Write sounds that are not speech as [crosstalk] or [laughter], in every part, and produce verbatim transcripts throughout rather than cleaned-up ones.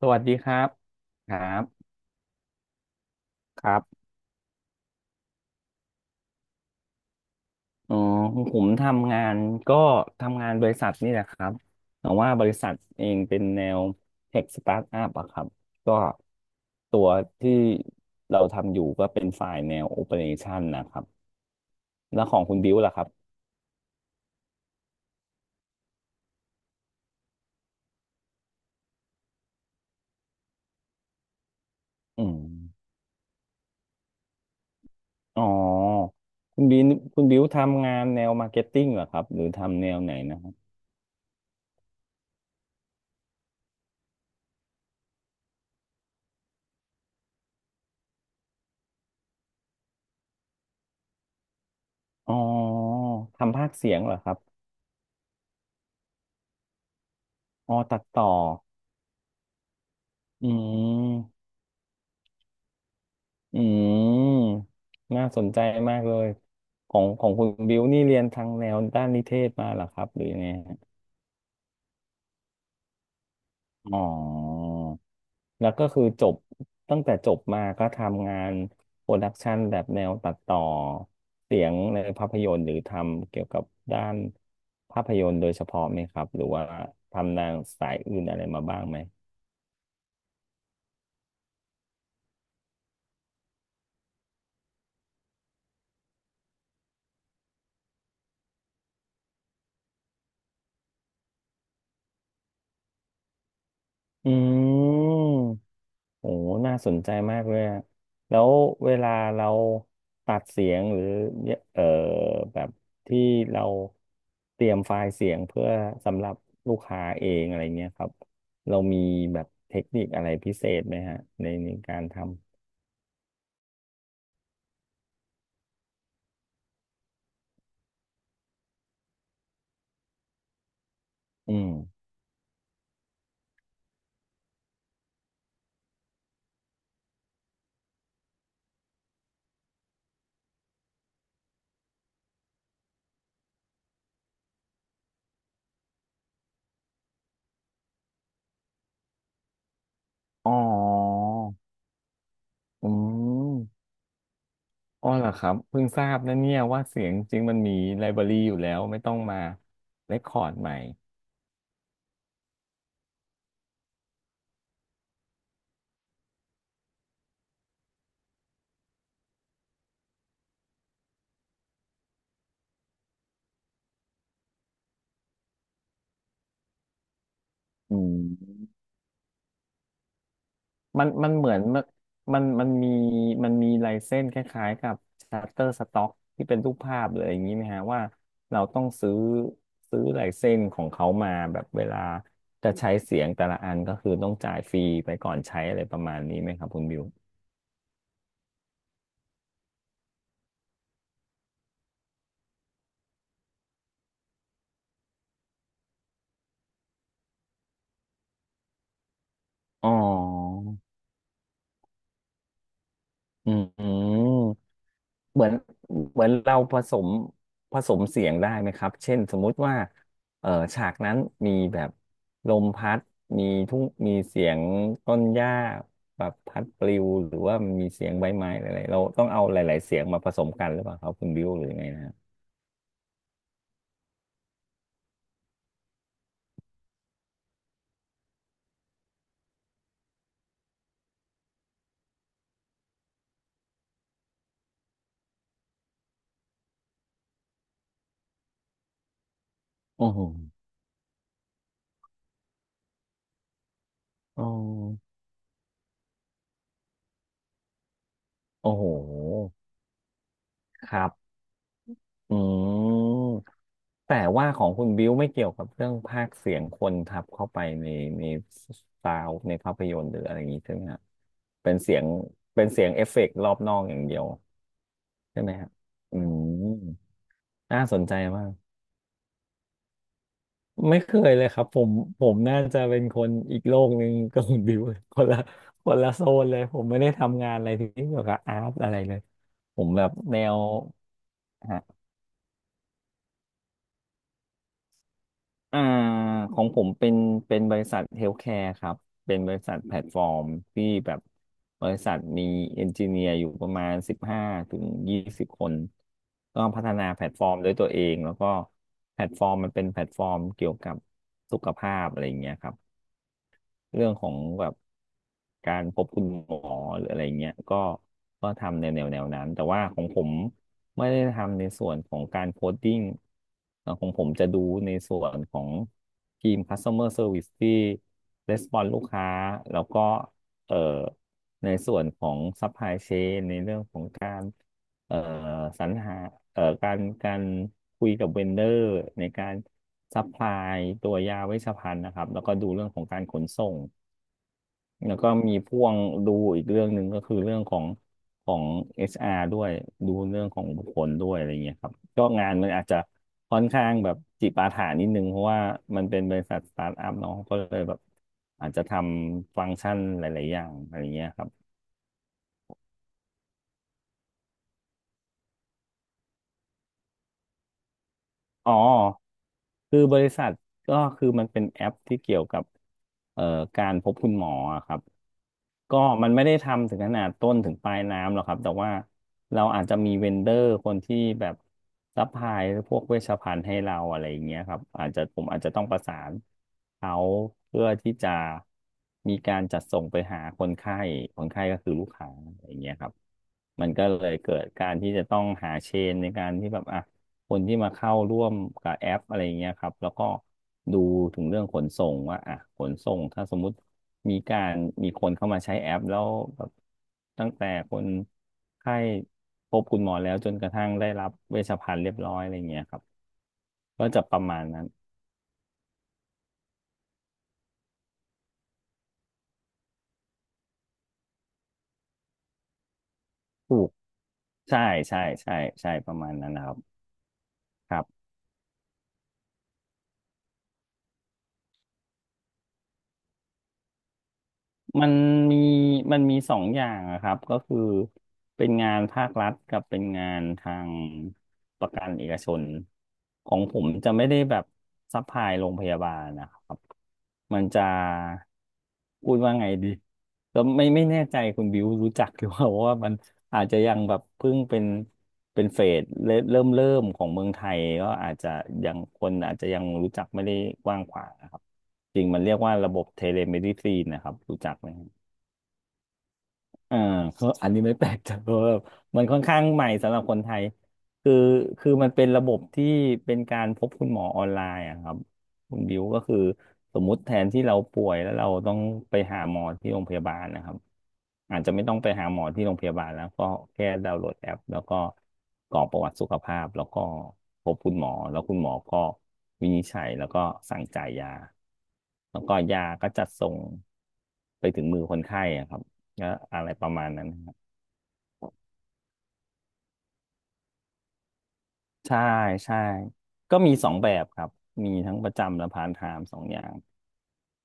สวัสดีครับครับครับอ๋อผมทำงานก็ทำงานบริษัทนี่แหละครับแต่ว่าบริษัทเองเป็นแนวเทคสตาร์ทอัพอะครับก็ตัวที่เราทำอยู่ก็เป็นฝ่ายแนวโอเปอเรชันนะครับแล้วของคุณบิวล่ะครับอืมอ๋อคุณบิวคุณบิวทำงานแนวมาร์เก็ตติ้งเหรอครับหรือทำแนวไหนนะครับอ๋อทำภาคเสียงเหรอครับอ๋อตัดต่ออืม อืมน่าสนใจมากเลยของของคุณบิวนี่เรียนทางแนวด้านนิเทศมาเหรอครับหรือยังไงฮะอ๋อแล้วก็คือจบตั้งแต่จบมาก็ทำงานโปรดักชันแบบแนวตัดต่อเสียงในภาพยนตร์หรือทำเกี่ยวกับด้านภาพยนตร์โดยเฉพาะไหมครับหรือว่าทำนางสายอื่นอะไรมาบ้างไหมอืม โอ้น่าสนใจมากเลยอะแล้วเวลาเราตัดเสียงหรือเอ่อแบบที่เราเตรียมไฟล์เสียงเพื่อสำหรับลูกค้าเองอะไรเงี้ยครับ เรามีแบบเทคนิคอะไรพิเศษไหมฮะในในการทำอืมอ๋ออืมอ๋อเหรอครับเพิ่งทราบนะเนี่ยว่าเสียงจริงมันมีไลบรารีอยู่แล้วไม่ต้องมาเรคคอร์ดใหม่อืม มันมันเหมือนมันมันมันมีมันมีลายเส้นคล้ายๆกับ s h u t t e r Stock ที่เป็นรูปภาพเลยอย่างนี้ไหมฮะว่าเราต้องซื้อซื้อลายเส้นของเขามาแบบเวลาจะใช้เสียงแต่ละอันก็คือต้องจ่ายฟรีไปก่อนใช้อะไรประมาณนี้ไหมครับคุณบิวอ๋ออืม เหมือนเหมือนเราผสมผสมเสียงได้ไหมครับเช่นสมมุติว่าเอ่อฉากนั้นมีแบบลมพัดมีทุ่งมีเสียงต้นหญ้าแบบพัดปลิวหรือว่ามันมีเสียงใบไม้อะไรเราต้องเอาหลายๆเสียงมาผสมกันหรือเปล่าครับคุณบิวหรือยังไงนะฮะโอ้โหอ๋อโอ้โหครับอืม แต่ว่าของคุณบิวไม่เกี่ยวกับเรื่องพากย์เสียงคนทับเข้าไปในในซาวในภาพยนตร์หรืออะไรอย่างนี้ใช่ไหมฮะเป็นเสียงเป็นเสียงเอฟเฟกต์รอบนอกอย่างเดียวใช่ไหมฮะอืมน่าสนใจมากไม่เคยเลยครับผมผมน่าจะเป็นคนอีกโลกหนึ่งกับคุณบิวเลยคนละคนละโซนเลยผมไม่ได้ทำงานอะไรที่เกี่ยวกับอาร์ตอะไรเลยผมแบบแนว อ่าของผมเป็นเป็นบริษัทเฮลท์แคร์ครับเป็นบริษัทแพลตฟอร์มที่แบบบริษัทมีเอนจิเนียร์อยู่ประมาณสิบห้าถึงยี่สิบคนก็พัฒนาแพลตฟอร์มด้วยตัวเองแล้วก็แพลตฟอร์มมันเป็นแพลตฟอร์มเกี่ยวกับสุขภาพอะไรอย่างเงี้ยครับ เรื่องของแบบการพบคุณหมอหรืออะไรเงี้ยก็ก็ทำในแนวแนวนั้น แต่ว่าของผมไม่ได้ทำในส่วนของการโคดดิ้งเอ่อของผมจะดูในส่วนของทีม Customer Service ที่ Response ลูกค้า แล้วก็เอ่อในส่วนของ Supply Chain ในเรื่องของการเอ่อสรรหาเอ่อการการคุยกับเวนเดอร์ในการซัพพลายตัวยาเวชภัณฑ์นะครับ แล้วก็ดูเรื่องของการขนส่ง แล้วก็มีพ่วงดูอีกเรื่องหนึ่งก็คือเรื่องของของ เอช อาร์ ด้วยดูเรื่องของบุคคลด้วยอะไรเงี้ยครับก็งานมันอาจจะค่อนข้างแบบจิปาถะนิดนึงเพราะว่ามันเป็นบริษัทสตาร์ทอัพเนาะก็เลยแบบอาจจะทำฟังก์ชันหลายๆอย่างอะไรเงี้ยครับ อ๋อคือบริษัทก็คือมันเป็นแอปที่เกี่ยวกับเอ่อการพบคุณหมออะครับก็มันไม่ได้ทำถึงขนาดต้นถึงปลายน้ำหรอกครับแต่ว่าเราอาจจะมีเวนเดอร์คนที่แบบซัพพลายพวกเวชภัณฑ์ให้เราอะไรอย่างเงี้ยครับอาจจะผมอาจจะต้องประสานเขาเพื่อที่จะมีการจัดส่งไปหาคนไข้คนไข้ก็คือลูกค้าอะไรอย่างเงี้ยครับมันก็เลยเกิดการที่จะต้องหาเชนในการที่แบบอ่ะ คนที่มาเข้าร่วมกับแอปอะไรอย่างเงี้ยครับแล้วก็ดูถึงเรื่องขนส่งว่าอ่ะขนส่งถ้าสมมุติมีการมีคนเข้ามาใช้แอปแล้วแบบตั้งแต่คนไข้พบคุณหมอแล้วจนกระทั่งได้รับเวชภัณฑ์เรียบร้อยอะไรอย่างเงี้ยครับก็จะประมาณนั้นถูกใช่ใช่ใช่ใช่ประมาณนั้นนะครับครับ มันมีมันมีสองอย่างอะครับก็คือเป็นงานภาครัฐกับเป็นงานทางประกันเอกชนของผมจะไม่ได้แบบซัพพลายโรงพยาบาลนะครับมันจะพูดว่าไงดีแล้วไม่ไม่แน่ใจคุณบิวรู้จักหรือเปล่าเพราะว่ามันอาจจะยังแบบเพิ่งเป็นเป็นเฟสเริ่มเริ่มเริ่มของเมืองไทยก็อาจจะยังคนอาจจะยังรู้จักไม่ได้กว้างขวางนะครับ จริงมันเรียกว่าระบบเทเลเมดิซีนนะครับรู้จักไหม อ่าก็อันนี้ไม่แปลกใจ [laughs] เพราะว่ามันค่อนข้างใหม่สำหรับคนไทยคือคือมันเป็นระบบที่เป็นการพบคุณหมอออนไลน์อะครับคุณบิวก็คือสมมุติแทนที่เราป่วยแล้วเราต้องไปหาหมอที่โรงพยาบาลนะครับอาจจะไม่ต้องไปหาหมอที่โรงพยาบาลแล้วก็แค่ดาวน์โหลดแอปแล้วก็กรอกประวัติสุขภาพแล้วก็พบคุณหมอแล้วคุณหมอก็วินิจฉัยแล้วก็สั่งจ่ายยาแล้วก็ยาก็จัดส่งไปถึงมือคนไข้อะครับ ก็อะไรประมาณนั้นครับใช่ใช่ก็มีสองแบบครับมีทั้งประจำและพาร์ทไทม์สองอย่าง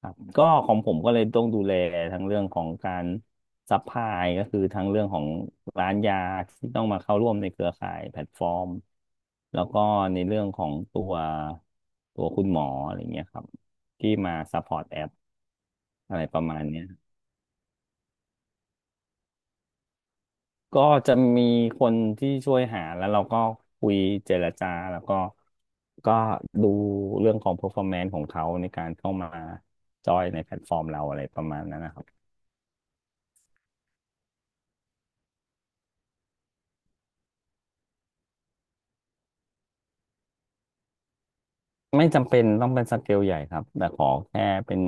ครับก็ของผมก็เลยต้องดูแลทั้งเรื่องของการซัพพลายก็คือทั้งเรื่องของร้านยาที่ต้องมาเข้าร่วมในเครือข่ายแพลตฟอร์มแล้วก็ในเรื่องของตัวตัวคุณหมออะไรเงี้ยครับที่มาซัพพอร์ตแอปอะไรประมาณเนี้ย ก็จะมีคนที่ช่วยหาแล้วเราก็คุยเจรจาแล้วก็ก็ดูเรื่องของ performance ของเขาในการเข้ามาจอยในแพลตฟอร์มเราอะไรประมาณนั้นนะครับไม่จำเป็นต้องเป็นสเกลใหญ่ครับแต่ขอแค่เป็น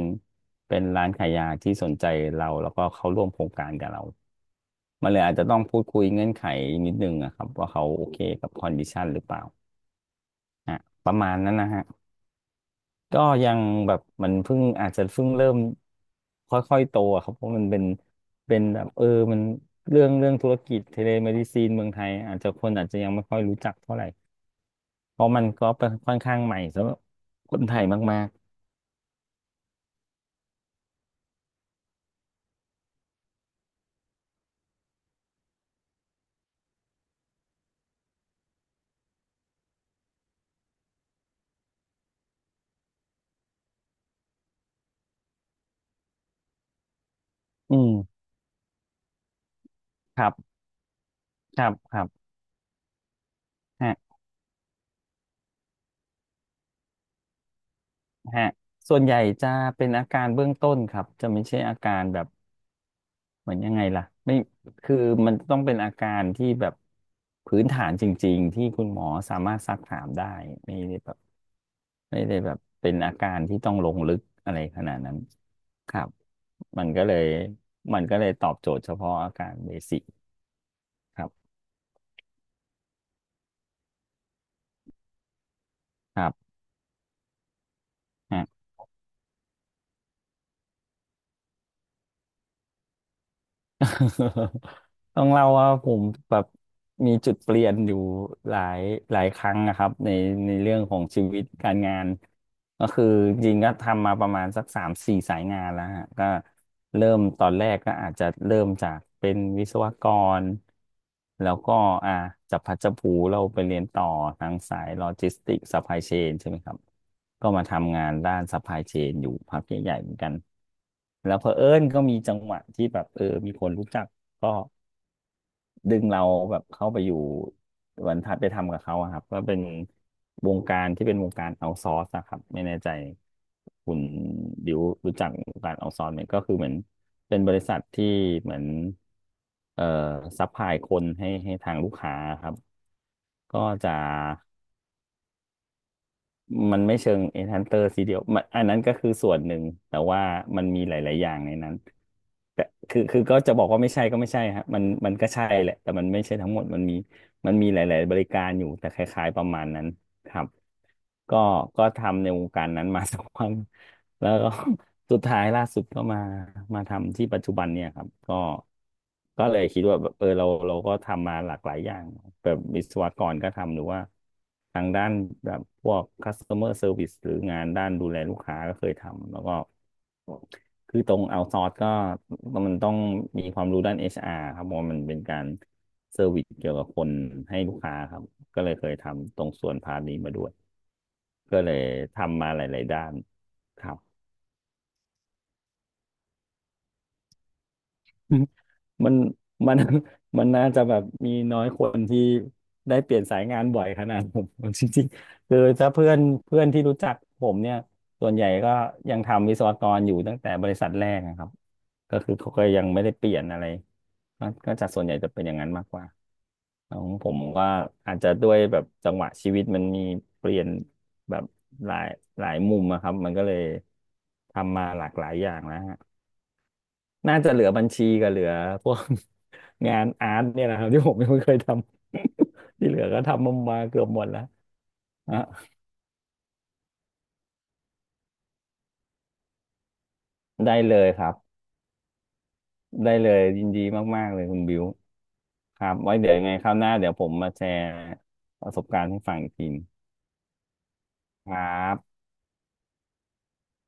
เป็นร้านขายยาที่สนใจเราแล้วก็เขาร่วมโครงการกับเรามันเลยอาจจะต้องพูดคุยเงื่อนไขนิดนึงอะครับว่าเขาโอเคกับคอนดิชันหรือเปล่าอ่ะประมาณนั้นนะฮะ ก็ยังแบบมันเพิ่งอาจจะเพิ่งเริ่มค่อยๆโตอะครับเพราะมันเป็นเป็นแบบเออมันเรื่องเรื่องธุรกิจเทเลเมดิซีนเมืองไทยอาจจะคนอาจจะยังไม่ค่อยรู้จักเท่าไหร่เพราะมันก็เป็นค่อนข้างใหม่สำหรับคนไทยมากๆอืมครับครับครับฮะฮะส่วนใหญ่จะเป็นอาการเบื้องต้นครับจะไม่ใช่อาการแบบเหมือนยังไงล่ะไม่คือมันต้องเป็นอาการที่แบบพื้นฐานจริงๆที่คุณหมอสามารถซักถามได้ไม่ได้แบบ ไม่ได้แบบเป็นอาการที่ต้องลงลึกอะไรขนาดนั้นครับมันก็เลยมันก็เลยตอบโจทย์เฉพาะอาการเบสิกครับครับ [laughs] ต้องเล่าว่าผมแบบมีจุดเปลี่ยนอยู่หลายหลายครั้งนะครับในในเรื่องของชีวิตการงานก็คือจริงๆก็ทำมาประมาณสักสามสี่สายงานแล้วฮะก็เริ่มตอนแรกก็อาจจะเริ่มจากเป็นวิศวกรแล้วก็อ่าจับพลัดจับผลูเราไปเรียนต่อทางสายโลจิสติกส์ซัพพลายเชนใช่ไหมครับก็มาทำงานด้านซัพพลายเชนอยู่พักใหญ่ๆเหมือนกัน แล้วเผอิญก็มีจังหวะที่แบบเออมีคนรู้จักก็ดึงเราแบบเข้าไปอยู่เหมือนทัดไปทำกับเขาอะครับก็เป็นวงการที่เป็นวงการเอาซอร์สอะครับไม่แน่ใจคุณดิวรู้จักวงการเอาซอร์สไหมก็คือเหมือนเป็นบริษัทที่เหมือนเอ่อซัพพลายคนให้ให้ทางลูกค้าครับก็จะ มันไม่เชิง Enhancer ซีเดียวมันอันนั้นก็คือส่วนหนึ่งแต่ว่ามันมีหลายๆอย่างในนั้นแต่คือคือก็จะบอกว่าไม่ใช่ก็ไม่ใช่ฮะมันมันก็ใช่แหละแต่มันไม่ใช่ทั้งหมดมันมีมันมีหลายๆบริการอยู่แต่คล้ายๆประมาณนั้นครับก็ก็ทำในวงการนั้นมาสักพักแล้วก็ สุดท้ายล่าสุดก็มามาทำที่ปัจจุบันเนี่ยครับก็ก็เลยคิดว่าแบบเออเราเราก็ทำมาหลากหลายอย่างแบบวิศวกรก็ทำหรือว่าทางด้านแบบพวก customer service หรืองานด้านดูแลลูกค้าก็เคยทำแล้วก็คือตรงเอาซอร์สก็มันต้องมีความรู้ด้าน เอช อาร์ ครับเพราะว่ามันเป็นการเซอร์วิสเกี่ยวกับคนให้ลูกค้าครับก็เลยเคยทำตรงส่วนพาร์ทนี้มาด้วยก็เลยทำมาหลายๆด้านครับ มันมันมันน่าจะแบบมีน้อยคนที่ได้เปลี่ยนสายงานบ่อยขนาดผม [laughs] จริงๆคือถ้าเพื่อนเพื่อนที่รู้จักผมเนี่ยส่วนใหญ่ก็ยังทำวิศวกรอยู่ตั้งแต่บริษัทแรกนะครับก็คือเขาก็ยังไม่ได้เปลี่ยนอะไรก็ก็จะส่วนใหญ่จะเป็นอย่างนั้นมากกว่าของผมก็อาจจะด้วยแบบจังหวะชีวิตมันมีเปลี่ยนแบบหลายหลายมุมอะครับมันก็เลยทำมาหลากหลายอย่างแล้ว น่าจะเหลือบัญชีกับเหลือพวก [laughs] งานอาร์ตเนี่ยนะครับที่ผมยังไม่เคยทำ [laughs] ที่เหลือก็ทำมามาเกือบหมดแล้วอ่ะได้เลยครับได้เลยยินดีมากๆเลยคุณบิวครับไว้เดี๋ยวยังไงคราวหน้าเดี๋ยวผมมาแชร์ประสบการณ์ให้ฟังอีกทีครับ